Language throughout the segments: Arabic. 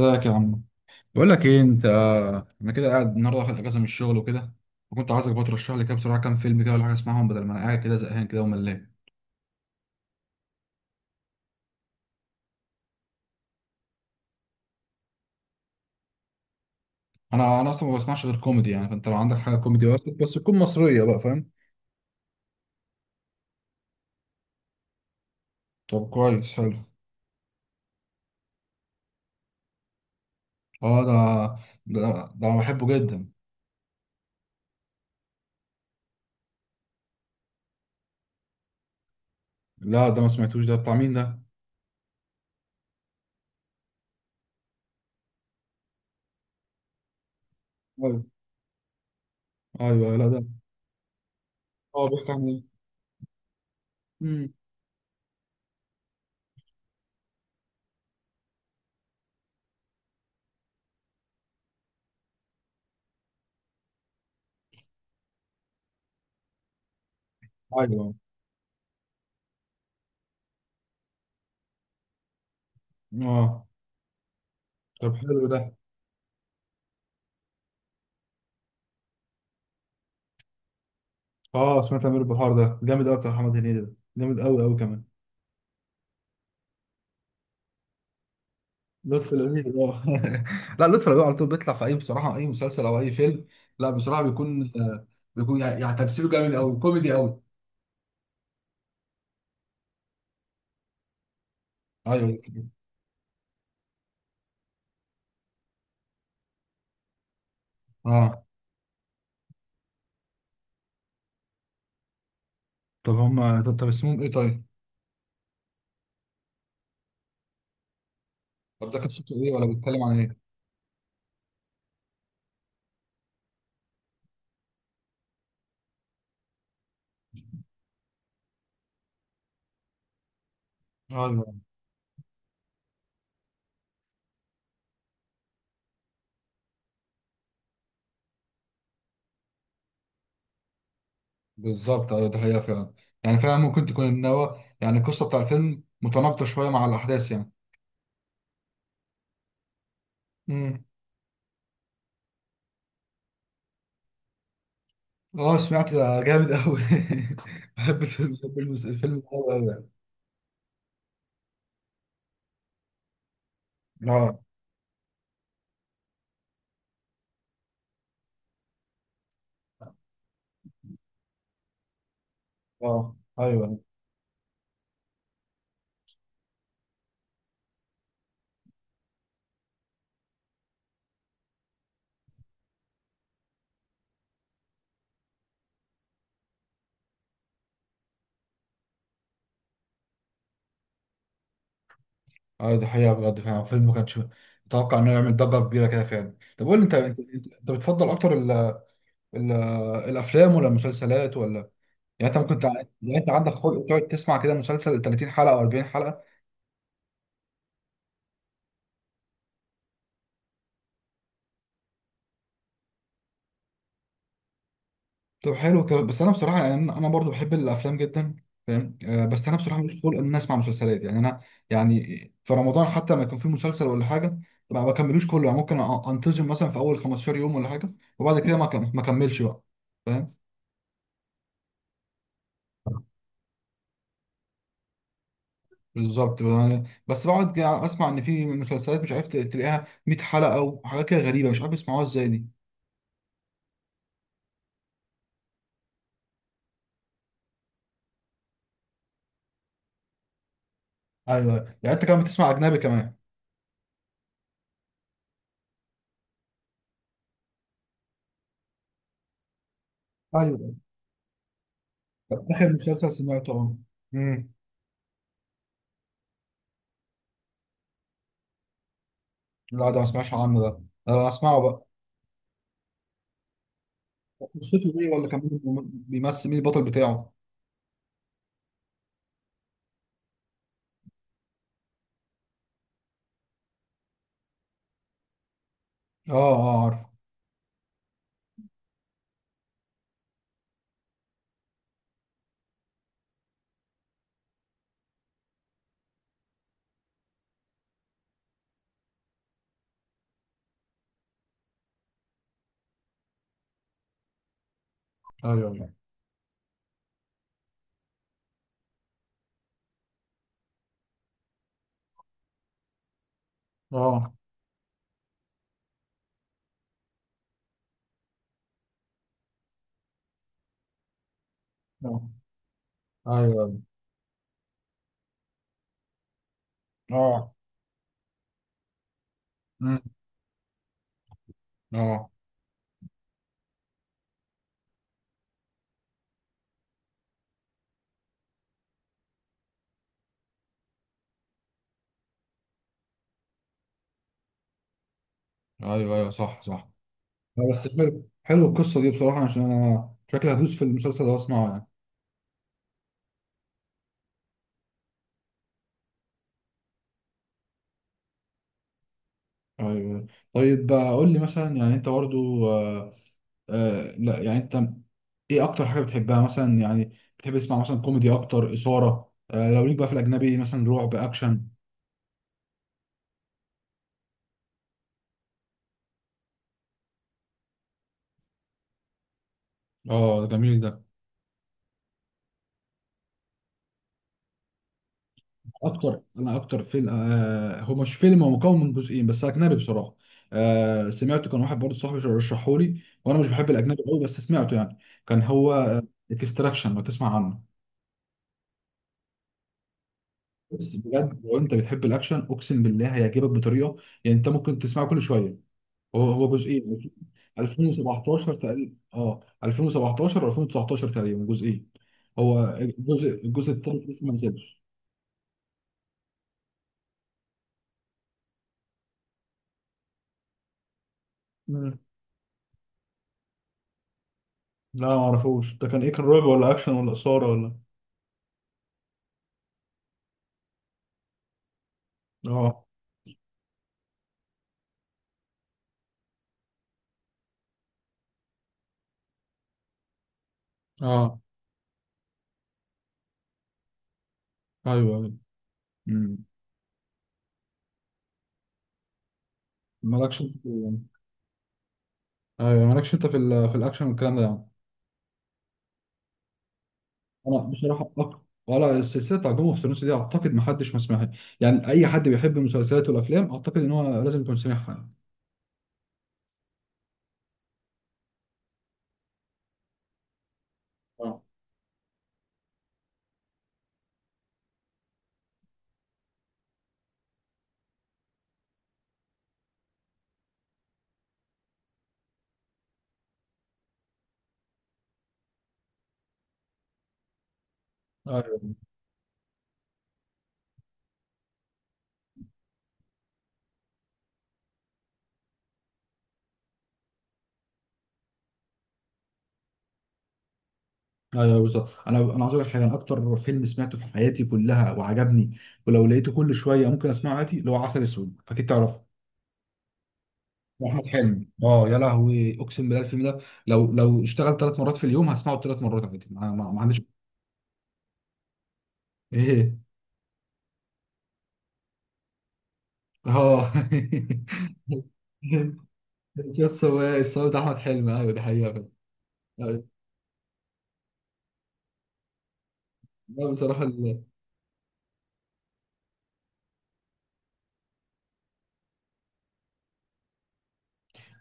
ازيك يا عم؟ بقول لك ايه انت. انا كده قاعد النهارده واخد اجازه من الشغل وكده. وكنت عايزك بقى ترشح لي كده بسرعه كام فيلم كده ولا حاجه اسمعهم بدل ما انا قاعد كده زهقان كده وملان. انا اصلا ما بسمعش غير كوميدي يعني، فانت لو عندك حاجه كوميدي بس تكون مصريه بقى فاهم. طب كويس حلو. اه، ده انا بحبه جدا. لا، ده ما سمعتوش، ده بتاع مين ده؟ ايوه، ايوه، لا ده. اه، بيحكي عن ايه؟ امم ايوه. اه، طب حلو ده. اه، سمعت امير البحار، ده جامد قوي، بتاع محمد هنيدي ده جامد قوي قوي كمان. لطفي لبيب آه. لا، لطفي لبيب على طول بيطلع في اي، بصراحه اي مسلسل او اي فيلم. لا بصراحه بيكون بيكون يعني تمثيله جامد قوي، كوميدي قوي. ايوه. اه. طب هم، طب اسمهم ايه طيب؟ طب ده قصته ايه ولا بيتكلم عن ايه؟ ايوه، بالظبط، ايوه ده حقيقه فعلا. يعني فعلا ممكن تكون ان هو يعني القصه بتاع الفيلم متناقضه شويه مع الاحداث يعني. امم اه، سمعت ده جامد قوي. بحب الفيلم، الفيلم ده قوي يعني. اه. اه. ايوه. اه، دي حقيقة بجد، فعلا الفيلم ما كانش متوقع انه يعمل ضجة كبيرة كده فعلا. طب قول لي، انت بتفضل اكتر ال الافلام ولا المسلسلات ولا؟ يعني انت ممكن يعني انت عندك خلق تقعد تسمع كده مسلسل 30 حلقة او 40 حلقة؟ طب حلو كده، بس انا بصراحة يعني انا برضو بحب الافلام جدا فاهم. بس انا بصراحة مش خلق ان انا اسمع مسلسلات، يعني انا يعني في رمضان حتى ما يكون في مسلسل ولا حاجة ما بكملوش كله. يعني ممكن انتظم مثلا في اول 15 يوم ولا حاجة، وبعد كده ما اكملش بقى، فاهم. بالظبط، يعني بس بقعد اسمع ان في مسلسلات مش عارف تلاقيها 100 حلقه، وحاجات كده غريبه، مش عارف بيسمعوها ازاي دي. ايوه. يعني انت كمان بتسمع اجنبي كمان؟ ايوه. طب اخر مسلسل سمعته، اه، امم لا ده ما سمعش عنه، ده ده انا اسمعه بقى. قصته ايه، ولا كان مين بيمثل، مين البطل بتاعه؟ اه. اه، عارف. ايوه، ايوه. اه. اه، ايوه. اه، امم اه، ايوه، ايوه، صح، صح. لا، بس حلو، حلو القصه دي بصراحه، عشان انا شكلي هدوس في المسلسل ده واسمعه يعني. ايوه. طيب، قول لي مثلا، يعني انت برضو، لا يعني انت ايه اكتر حاجه بتحبها مثلا يعني؟ بتحب تسمع مثلا كوميدي اكتر، اثاره، لو ليك بقى في الاجنبي مثلا رعب، اكشن. اه، جميل ده. اكتر، انا اكتر فيلم، هو مش فيلم، هو مكون من جزئين بس اجنبي بصراحه. سمعته، كان واحد برضه صاحبي رشحه لي وانا مش بحب الاجنبي قوي بس سمعته يعني. كان هو اكستراكشن، لو تسمع عنه. بس بجد لو انت بتحب الاكشن اقسم بالله هيعجبك بطريقه، يعني انت ممكن تسمعه كل شويه. هو جزئين، 2017 تقريبا، اه 2017 و2019 تقريبا جزئين. هو الجزء التالت لسه ما نزلش. مم. لا، ما اعرفوش ده، كان ايه؟ كان رعب ولا اكشن ولا اثاره ولا؟ اه. اه، ايوه، ايوه، امم مالكش انت ايوه، مالكش انت في الاكشن والكلام ده يعني. انا بصراحه ولا السلسله بتاع جون اوف ثرونز دي، اعتقد ما حدش ما سمعها. يعني اي حد بيحب المسلسلات والافلام اعتقد ان هو لازم يكون سمعها يعني. اه، ايوه بالظبط، انا عاوز اقول لك حاجه. انا اكتر فيلم سمعته في حياتي كلها وعجبني، ولو لقيته كل شويه ممكن اسمعه عادي، اللي هو عسل اسود، اكيد تعرفه. واحمد حلمي، اه يا لهوي، اقسم بالله الفيلم ده لو اشتغل 3 مرات في اليوم هسمعه 3 مرات عادي، ما عنديش ايه. اه. يس، هو الصوت بتاع احمد حلمي، ايوه دي حقيقه فعلا. أيوة. لا بصراحه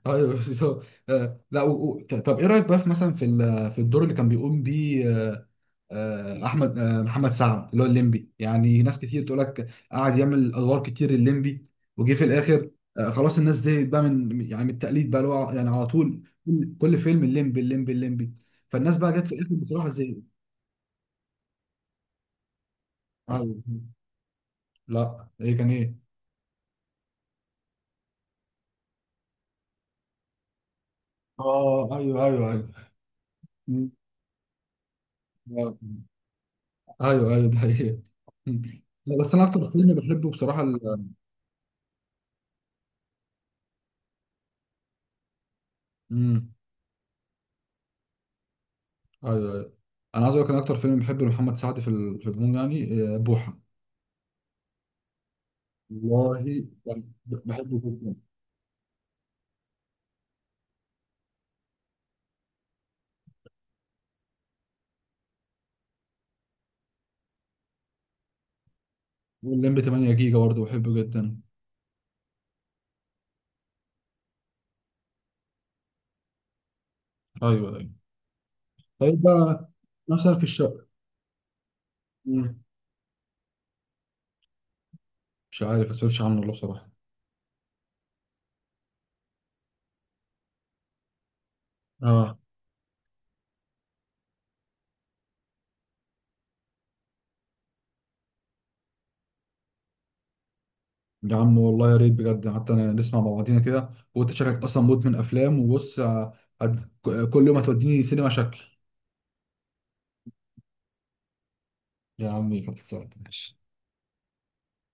ايوه بصراحة. لا، طب ايه رايك بقى في مثلا في الدور اللي كان بيقوم بيه، آه، آه، احمد آه، محمد سعد اللي هو الليمبي. يعني ناس كتير تقول لك قعد يعمل ادوار كتير الليمبي وجي في الاخر. خلاص الناس دي بقى من، يعني من التقليد بقى، اللي هو يعني على طول كل فيلم الليمبي الليمبي الليمبي. فالناس بقى جت في الاخر بصراحه زي. ايوه. لا، ايه كان ايه؟ اه، ايوه، ايوه، ايوه. مم. آه، ايوه، ايوه ده حقيقي. مم. لا، بس انا اكتر فيلم بحبه بصراحه مم. ايوه، ايوه. انا عايز اقول لك إن اكتر فيلم بحبه لمحمد سعد في العموم يعني، بوحه. والله يعني بحبه جدا. واللمبي 8 جيجا برضه بحبه جدا. ايوه، ايوه. طيب بقى مثلا في الشقه. مم. مش عارف، ما سمعتش عنه والله بصراحه. اه. يا عم والله يا ريت بجد، حتى أنا نسمع مع بعضينا كده. وانت شكلك اصلا مدمن افلام، وبص هت- كل يوم هتوديني سينما شكل. يا عمي خلصان ماشي.